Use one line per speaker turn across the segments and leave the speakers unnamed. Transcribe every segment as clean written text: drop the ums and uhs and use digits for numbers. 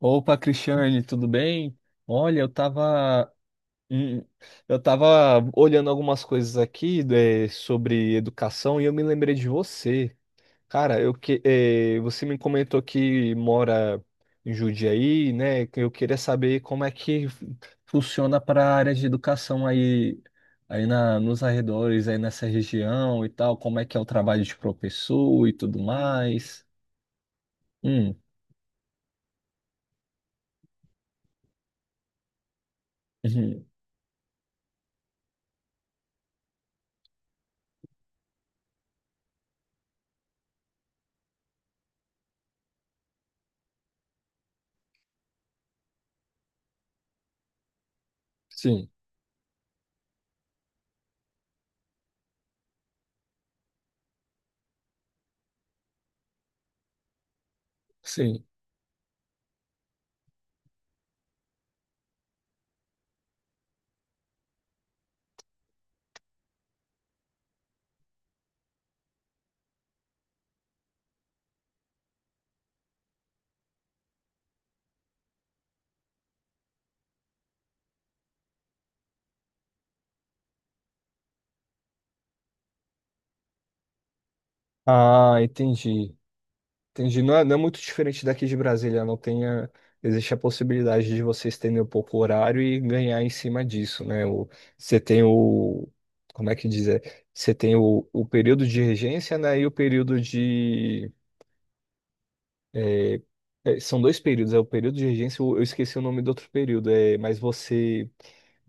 Opa, Cristiane, tudo bem? Olha, hum, eu tava olhando algumas coisas aqui, né, sobre educação e eu me lembrei de você. Cara, você me comentou que mora em Jundiaí, né? Eu queria saber como é que funciona para a área de educação aí, nos arredores, aí nessa região e tal, como é que é o trabalho de professor e tudo mais. Hum. Uhum. Sim, sim. Ah, entendi. Entendi. Não é muito diferente daqui de Brasília, não tem a- existe a possibilidade de você estender um pouco o horário e ganhar em cima disso, né? O, você tem o, como é que dizer? Você tem o período de regência, né? E o período de é, são dois períodos, é o período de regência, eu esqueci o nome do outro período, mas você,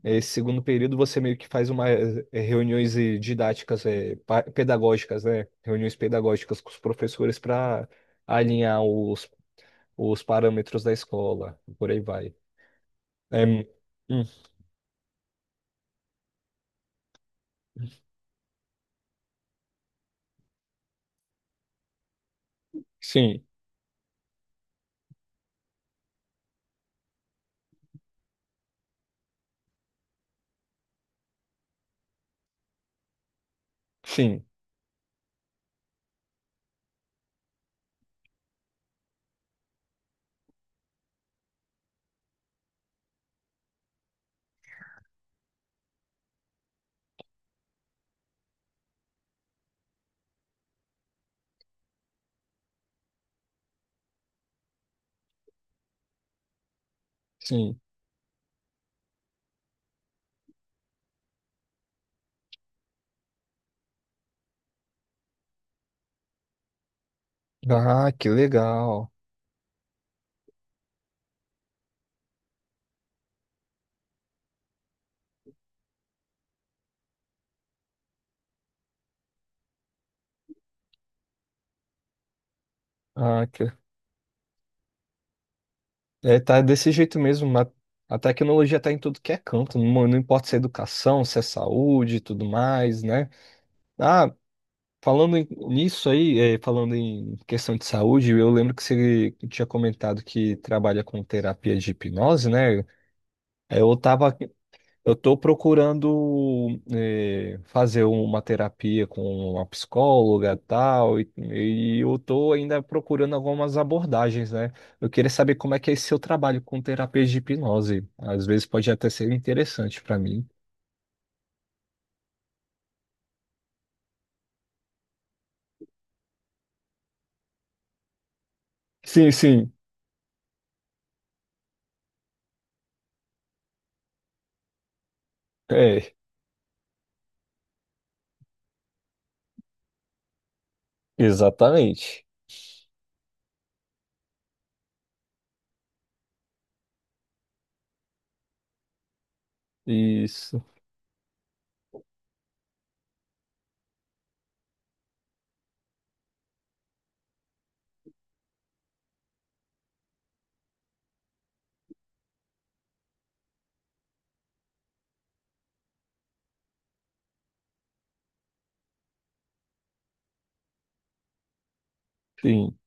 esse segundo período, você meio que faz reuniões didáticas, pedagógicas, né? Reuniões pedagógicas com os professores para alinhar os parâmetros da escola, e por aí vai. É. Hum. Sim, sim, sim. Ah, que legal. Ah, que É, tá desse jeito mesmo. A tecnologia tá em tudo que é canto, não importa se é educação, se é saúde e tudo mais, né? Ah, nisso aí, falando em questão de saúde, eu lembro que você tinha comentado que trabalha com terapia de hipnose, né? É, eu estou procurando fazer uma terapia com uma psicóloga tal, e eu estou ainda procurando algumas abordagens, né? Eu queria saber como é que é esse seu trabalho com terapias de hipnose. Às vezes pode até ser interessante para mim. Sim, sim, é, exatamente. Isso, sim.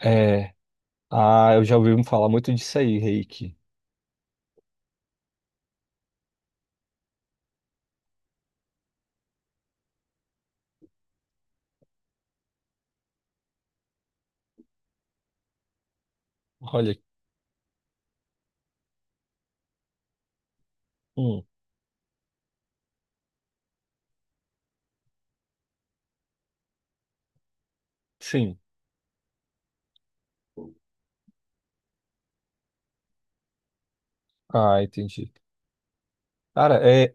É, ah, eu já ouvi falar muito disso aí, Reiki. Olha. Hum. Sim. Ah, entendi. Cara, é.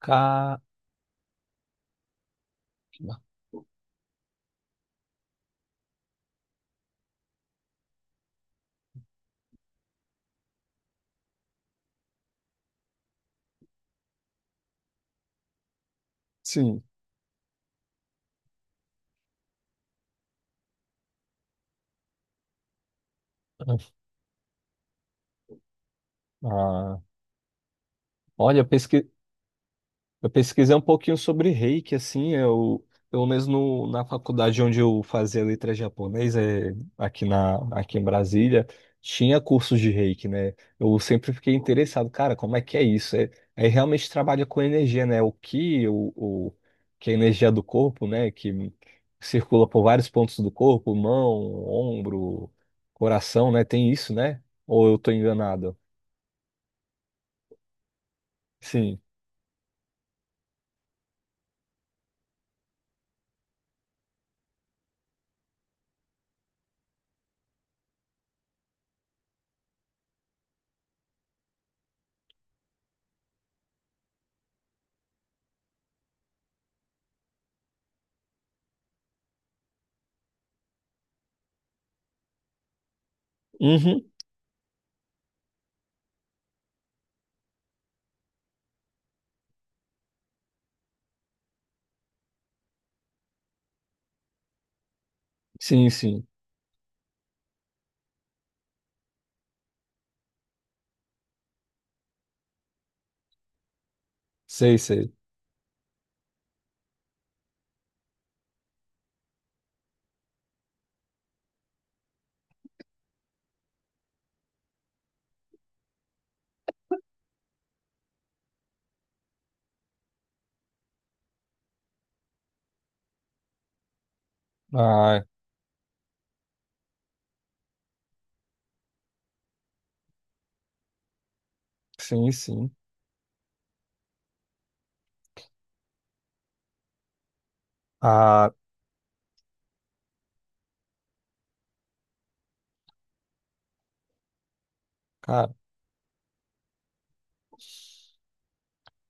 Ca... Sim. Ah, olha, eu pesquisei um pouquinho sobre Reiki, assim, eu, pelo menos no, na faculdade onde eu fazia letras japonesa aqui, aqui em Brasília, tinha cursos de Reiki, né? Eu sempre fiquei interessado, cara, como é que é isso? É, é realmente trabalha com energia, né? O ki, que é a energia do corpo, né? Que circula por vários pontos do corpo, mão, ombro, coração, né? Tem isso, né? Ou eu tô enganado? Sim. Uhum. Sim, sim. Sei, sei. Ah, sim, sim. Ah, cara,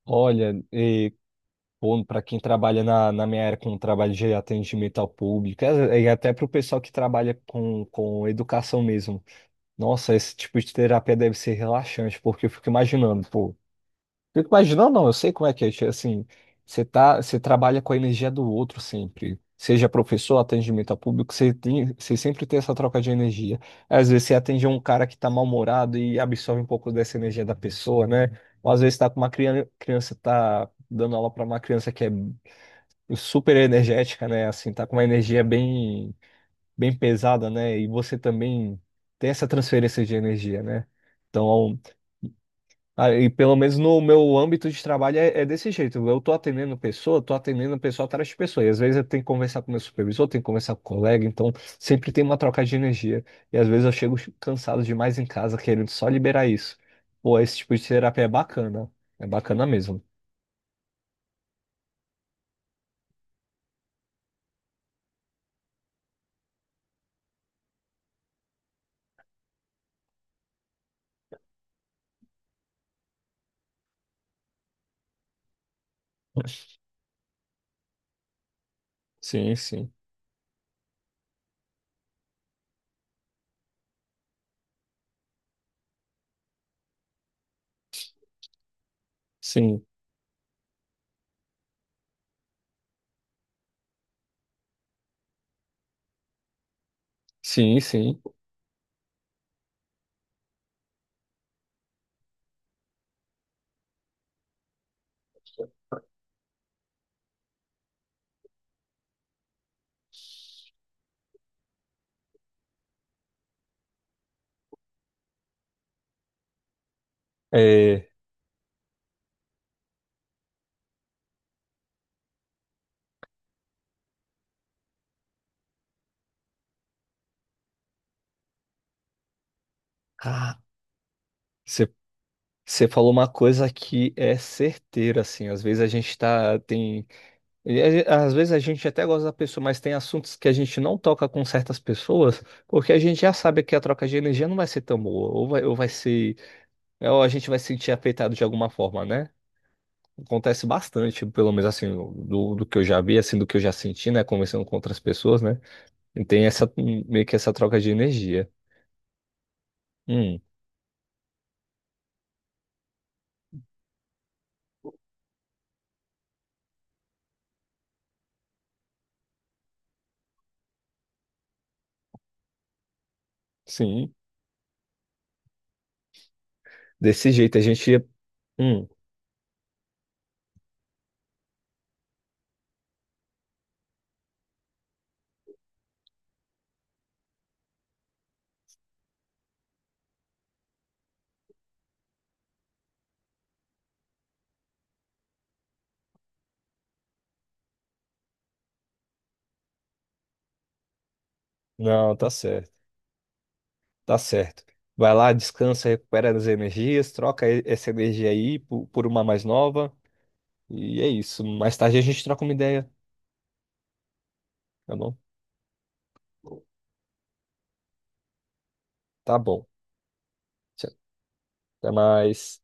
olha, bom, para quem trabalha na, na minha área com trabalho de atendimento ao público, e até para o pessoal que trabalha com educação mesmo. Nossa, esse tipo de terapia deve ser relaxante, porque eu fico imaginando, pô. Fico imaginando, não, eu sei como é que é, assim, você trabalha com a energia do outro sempre, seja professor, atendimento a público, você sempre tem essa troca de energia. Às vezes você atende um cara que tá mal-humorado e absorve um pouco dessa energia da pessoa, né? Ou às vezes tá com uma criança, tá dando aula para uma criança que é super energética, né? Assim, tá com uma energia bem, bem pesada, né? E você também tem essa transferência de energia, né? Então, ah, e pelo menos no meu âmbito de trabalho é desse jeito. Eu tô atendendo pessoa atrás de pessoa. E às vezes eu tenho que conversar com meu supervisor, tenho que conversar com o colega, então sempre tem uma troca de energia. E às vezes eu chego cansado demais em casa, querendo só liberar isso. Pô, esse tipo de terapia é bacana. É bacana mesmo. Sim, sim. Sim, sim, sim. É... Ah, você falou uma coisa que é certeira, assim. Às vezes a gente tem. E Às vezes a gente até gosta da pessoa, mas tem assuntos que a gente não toca com certas pessoas, porque a gente já sabe que a troca de energia não vai ser tão boa, ou vai ser, né, ou a gente vai se sentir afetado de alguma forma, né? Acontece bastante, pelo menos assim, do que eu já vi, assim, do que eu já senti, né? Conversando com outras pessoas, né? E tem meio que essa troca de energia. Hum. Sim. Desse jeito a gente ia. Hum, não, tá certo, tá certo. Vai lá, descansa, recupera as energias, troca essa energia aí por uma mais nova. E é isso. Mais tarde a gente troca uma ideia, tá bom? Tá bom. Tchau. Até mais.